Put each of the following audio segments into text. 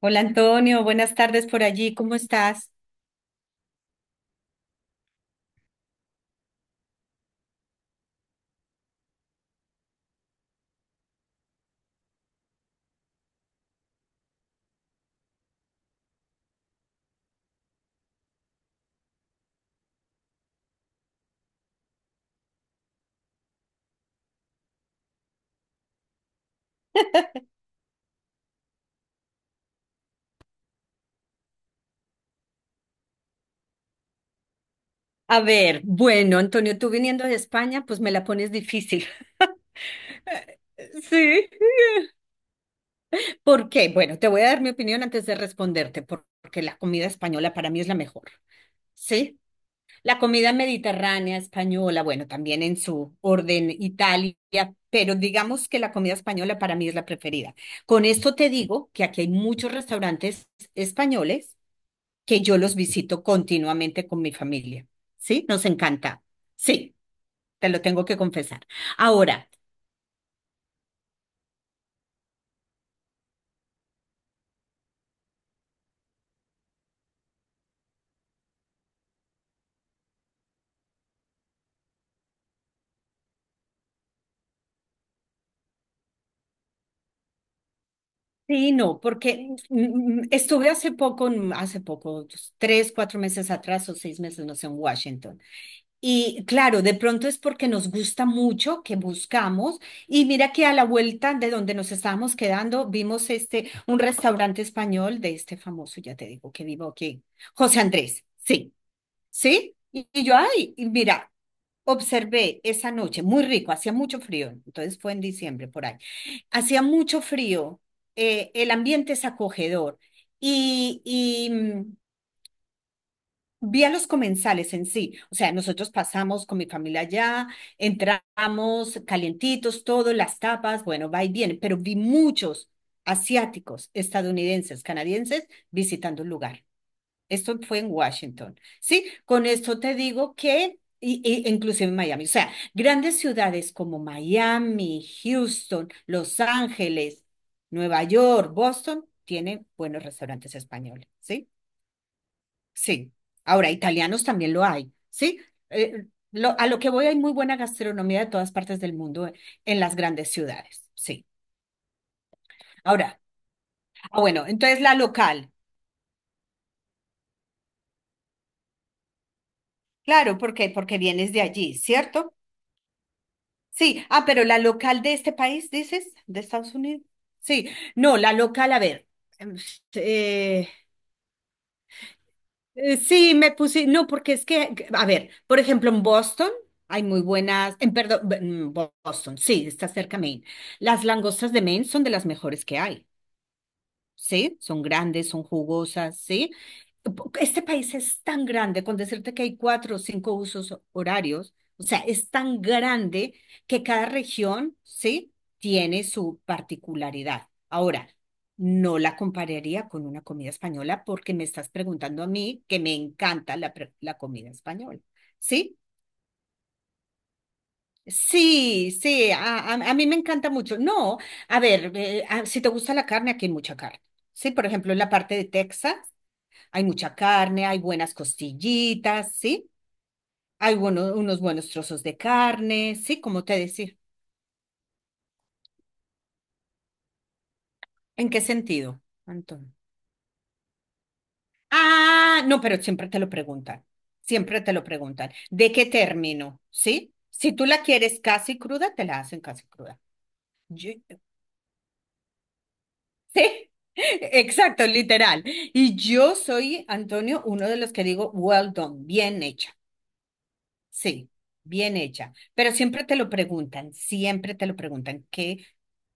Hola Antonio, buenas tardes por allí, ¿cómo estás? A ver, bueno, Antonio, tú viniendo de España, pues me la pones difícil. Sí. ¿Por qué? Bueno, te voy a dar mi opinión antes de responderte, porque la comida española para mí es la mejor. ¿Sí? La comida mediterránea española, bueno, también en su orden Italia, pero digamos que la comida española para mí es la preferida. Con esto te digo que aquí hay muchos restaurantes españoles que yo los visito continuamente con mi familia. ¿Sí? Nos encanta. Sí, te lo tengo que confesar. Ahora, sí, no, porque estuve hace poco, hace poco, 3, 4 meses atrás o 6 meses, no sé, en Washington. Y claro, de pronto es porque nos gusta mucho que buscamos. Y mira que a la vuelta de donde nos estábamos quedando, vimos este, un restaurante español de este famoso, ya te digo que vivo aquí, José Andrés. Sí, sí. Y yo, ay, y mira, observé esa noche, muy rico, hacía mucho frío, entonces fue en diciembre por ahí. Hacía mucho frío, el ambiente es acogedor y vi a los comensales en sí. O sea, nosotros pasamos con mi familia allá, entramos calientitos, todo, las tapas, bueno, va y viene, pero vi muchos asiáticos, estadounidenses, canadienses visitando el lugar. Esto fue en Washington, ¿sí? Con esto te digo que inclusive en Miami, o sea, grandes ciudades como Miami, Houston, Los Ángeles, Nueva York, Boston, tienen buenos restaurantes españoles, ¿sí? Sí. Ahora, italianos también lo hay, ¿sí? Eh, a lo que voy hay muy buena gastronomía de todas partes del mundo, en las grandes ciudades, sí. Ahora, bueno, entonces la local, claro, ¿por qué? Porque vienes de allí, ¿cierto? Sí, pero la local de este país, dices, de Estados Unidos. Sí, no, la local, a ver. em, eh, sí, me puse, no, porque es que, a ver, por ejemplo, en Boston hay muy buenas, en perdón, en Boston, sí, está cerca Maine. Las langostas de Maine son de las mejores que hay. ¿Sí? Son grandes, son jugosas, ¿sí? Este país es tan grande, con decirte que hay 4 o 5 usos horarios, o sea, es tan grande que cada región, ¿sí? Tiene su particularidad. Ahora, no la compararía con una comida española porque me estás preguntando a mí que me encanta la comida española, ¿sí? Sí, sí, a mí me encanta mucho. No, a ver, si te gusta la carne, aquí hay mucha carne. Sí, por ejemplo, en la parte de Texas. Hay mucha carne, hay buenas costillitas, ¿sí? Hay unos buenos trozos de carne, ¿sí? ¿Cómo te decir? ¿En qué sentido, Antonio? Ah, no, pero siempre te lo preguntan. Siempre te lo preguntan. ¿De qué término? ¿Sí? Si tú la quieres casi cruda, te la hacen casi cruda. Yo- sí, exacto, literal. Y yo soy, Antonio, uno de los que digo, well done, bien hecha. Sí, bien hecha. Pero siempre te lo preguntan, siempre te lo preguntan, ¿qué,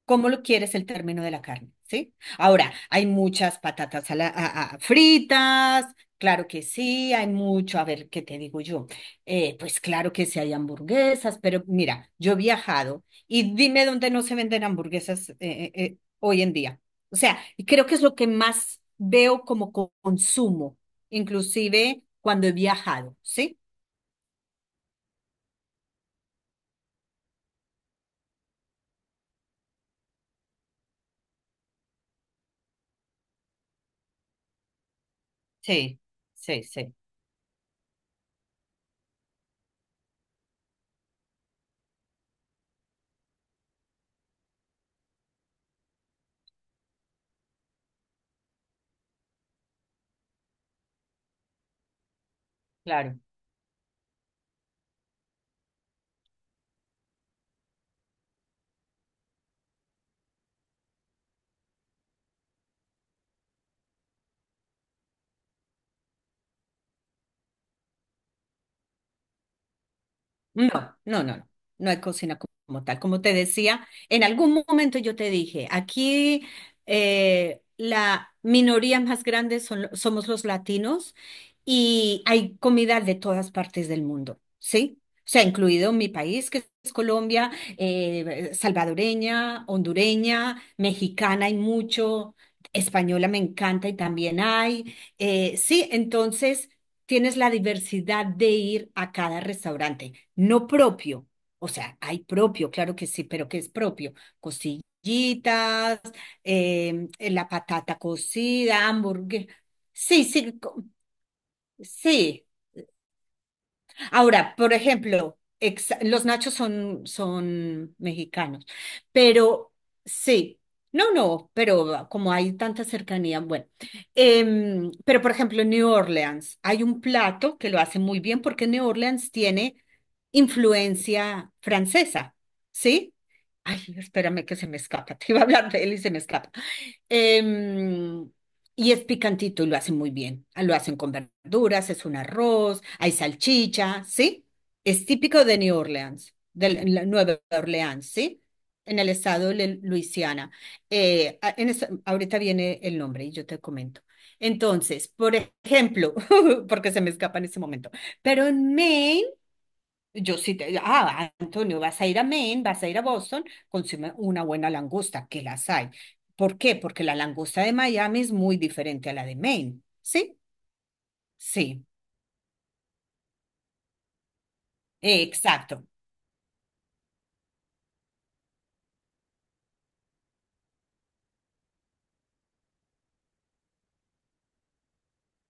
cómo lo quieres el término de la carne? ¿Sí? Ahora, hay muchas patatas a la- a- fritas, claro que sí, hay mucho, a ver, ¿qué te digo yo? Pues claro que sí hay hamburguesas, pero mira, yo he viajado y dime dónde no se venden hamburguesas hoy en día. O sea, y creo que es lo que más veo como consumo, inclusive cuando he viajado, ¿sí? Sí, sí, sí, claro. No, no, no, no, no hay cocina como tal. Como te decía, en algún momento yo te dije, aquí la minoría más grande son somos los latinos y hay comida de todas partes del mundo, ¿sí? O sea, incluido mi país, que es Colombia, salvadoreña, hondureña, mexicana hay mucho, española me encanta y también hay. Sí, entonces, tienes la diversidad de ir a cada restaurante, no propio. O sea, hay propio, claro que sí, pero ¿qué es propio? Costillitas, la patata cocida, hamburguesa. Sí, sí, sí. Ahora, por ejemplo, los nachos son mexicanos, pero sí, no, no, pero como hay tanta cercanía, bueno. Pero por ejemplo, en New Orleans hay un plato que lo hace muy bien porque New Orleans tiene influencia francesa, ¿sí? Ay, espérame que se me escapa, te iba a hablar de él y se me escapa. Em, y es picantito y lo hacen muy bien. Ah, lo hacen con verduras, es un arroz, hay salchicha, ¿sí? Es típico de New Orleans, de la Nueva Orleans, ¿sí? En el estado de Luisiana. Ahorita viene el nombre y yo te comento. Entonces, por ejemplo, porque se me escapa en este momento, pero en Maine yo sí te, ah, Antonio, vas a ir a Maine, vas a ir a Boston, consume una buena langosta, que las hay. ¿Por qué? Porque la langosta de Miami es muy diferente a la de Maine, ¿sí? Sí, exacto,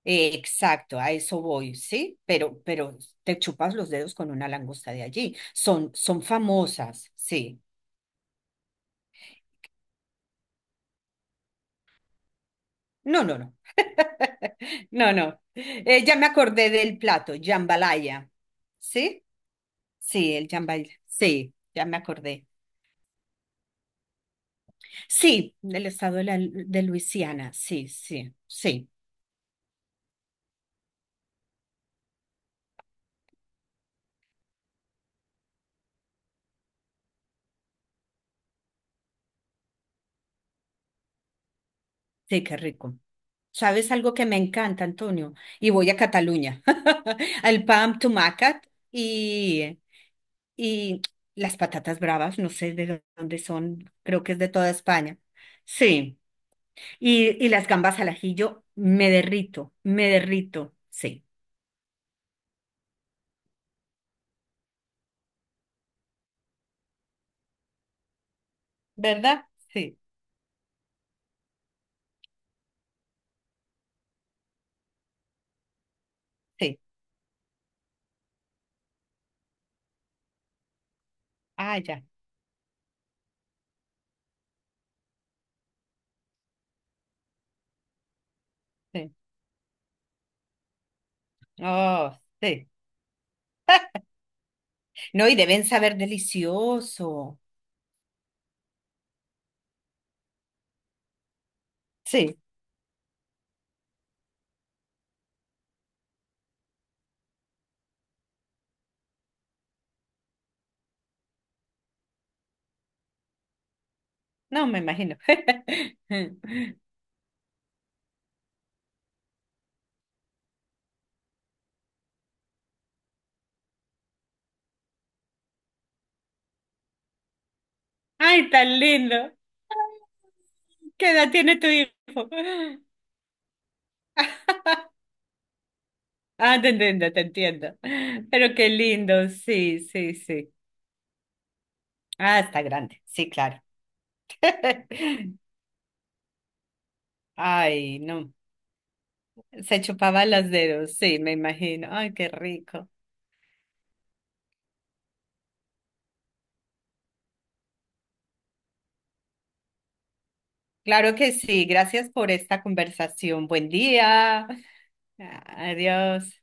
exacto, a eso voy, ¿sí? Pero te chupas los dedos con una langosta de allí. Son famosas, sí. No, no, no, no, no. Ya me acordé del plato, jambalaya, ¿sí? Sí, el jambalaya, sí, ya me acordé. Sí, del estado de Luisiana, sí, sí, sí, sí, qué rico. ¿Sabes algo que me encanta, Antonio? Y voy a Cataluña, al Pam Tumacat y, y las patatas bravas, no sé de dónde son, creo que es de toda España. Sí, y las gambas al ajillo, me derrito, sí. ¿Verdad? Sí, sí. Ah, ya, sí. Oh, sí. No, y deben saber delicioso. Sí, no me imagino. Ay, tan lindo. ¿Qué edad tiene tu hijo? Ah, te entiendo, te entiendo. Pero qué lindo, sí, sí, sí. Ah, está grande, sí, claro. Ay, no, se chupaba los dedos, sí, me imagino. Ay, qué rico. Claro que sí, gracias por esta conversación. Buen día. Adiós.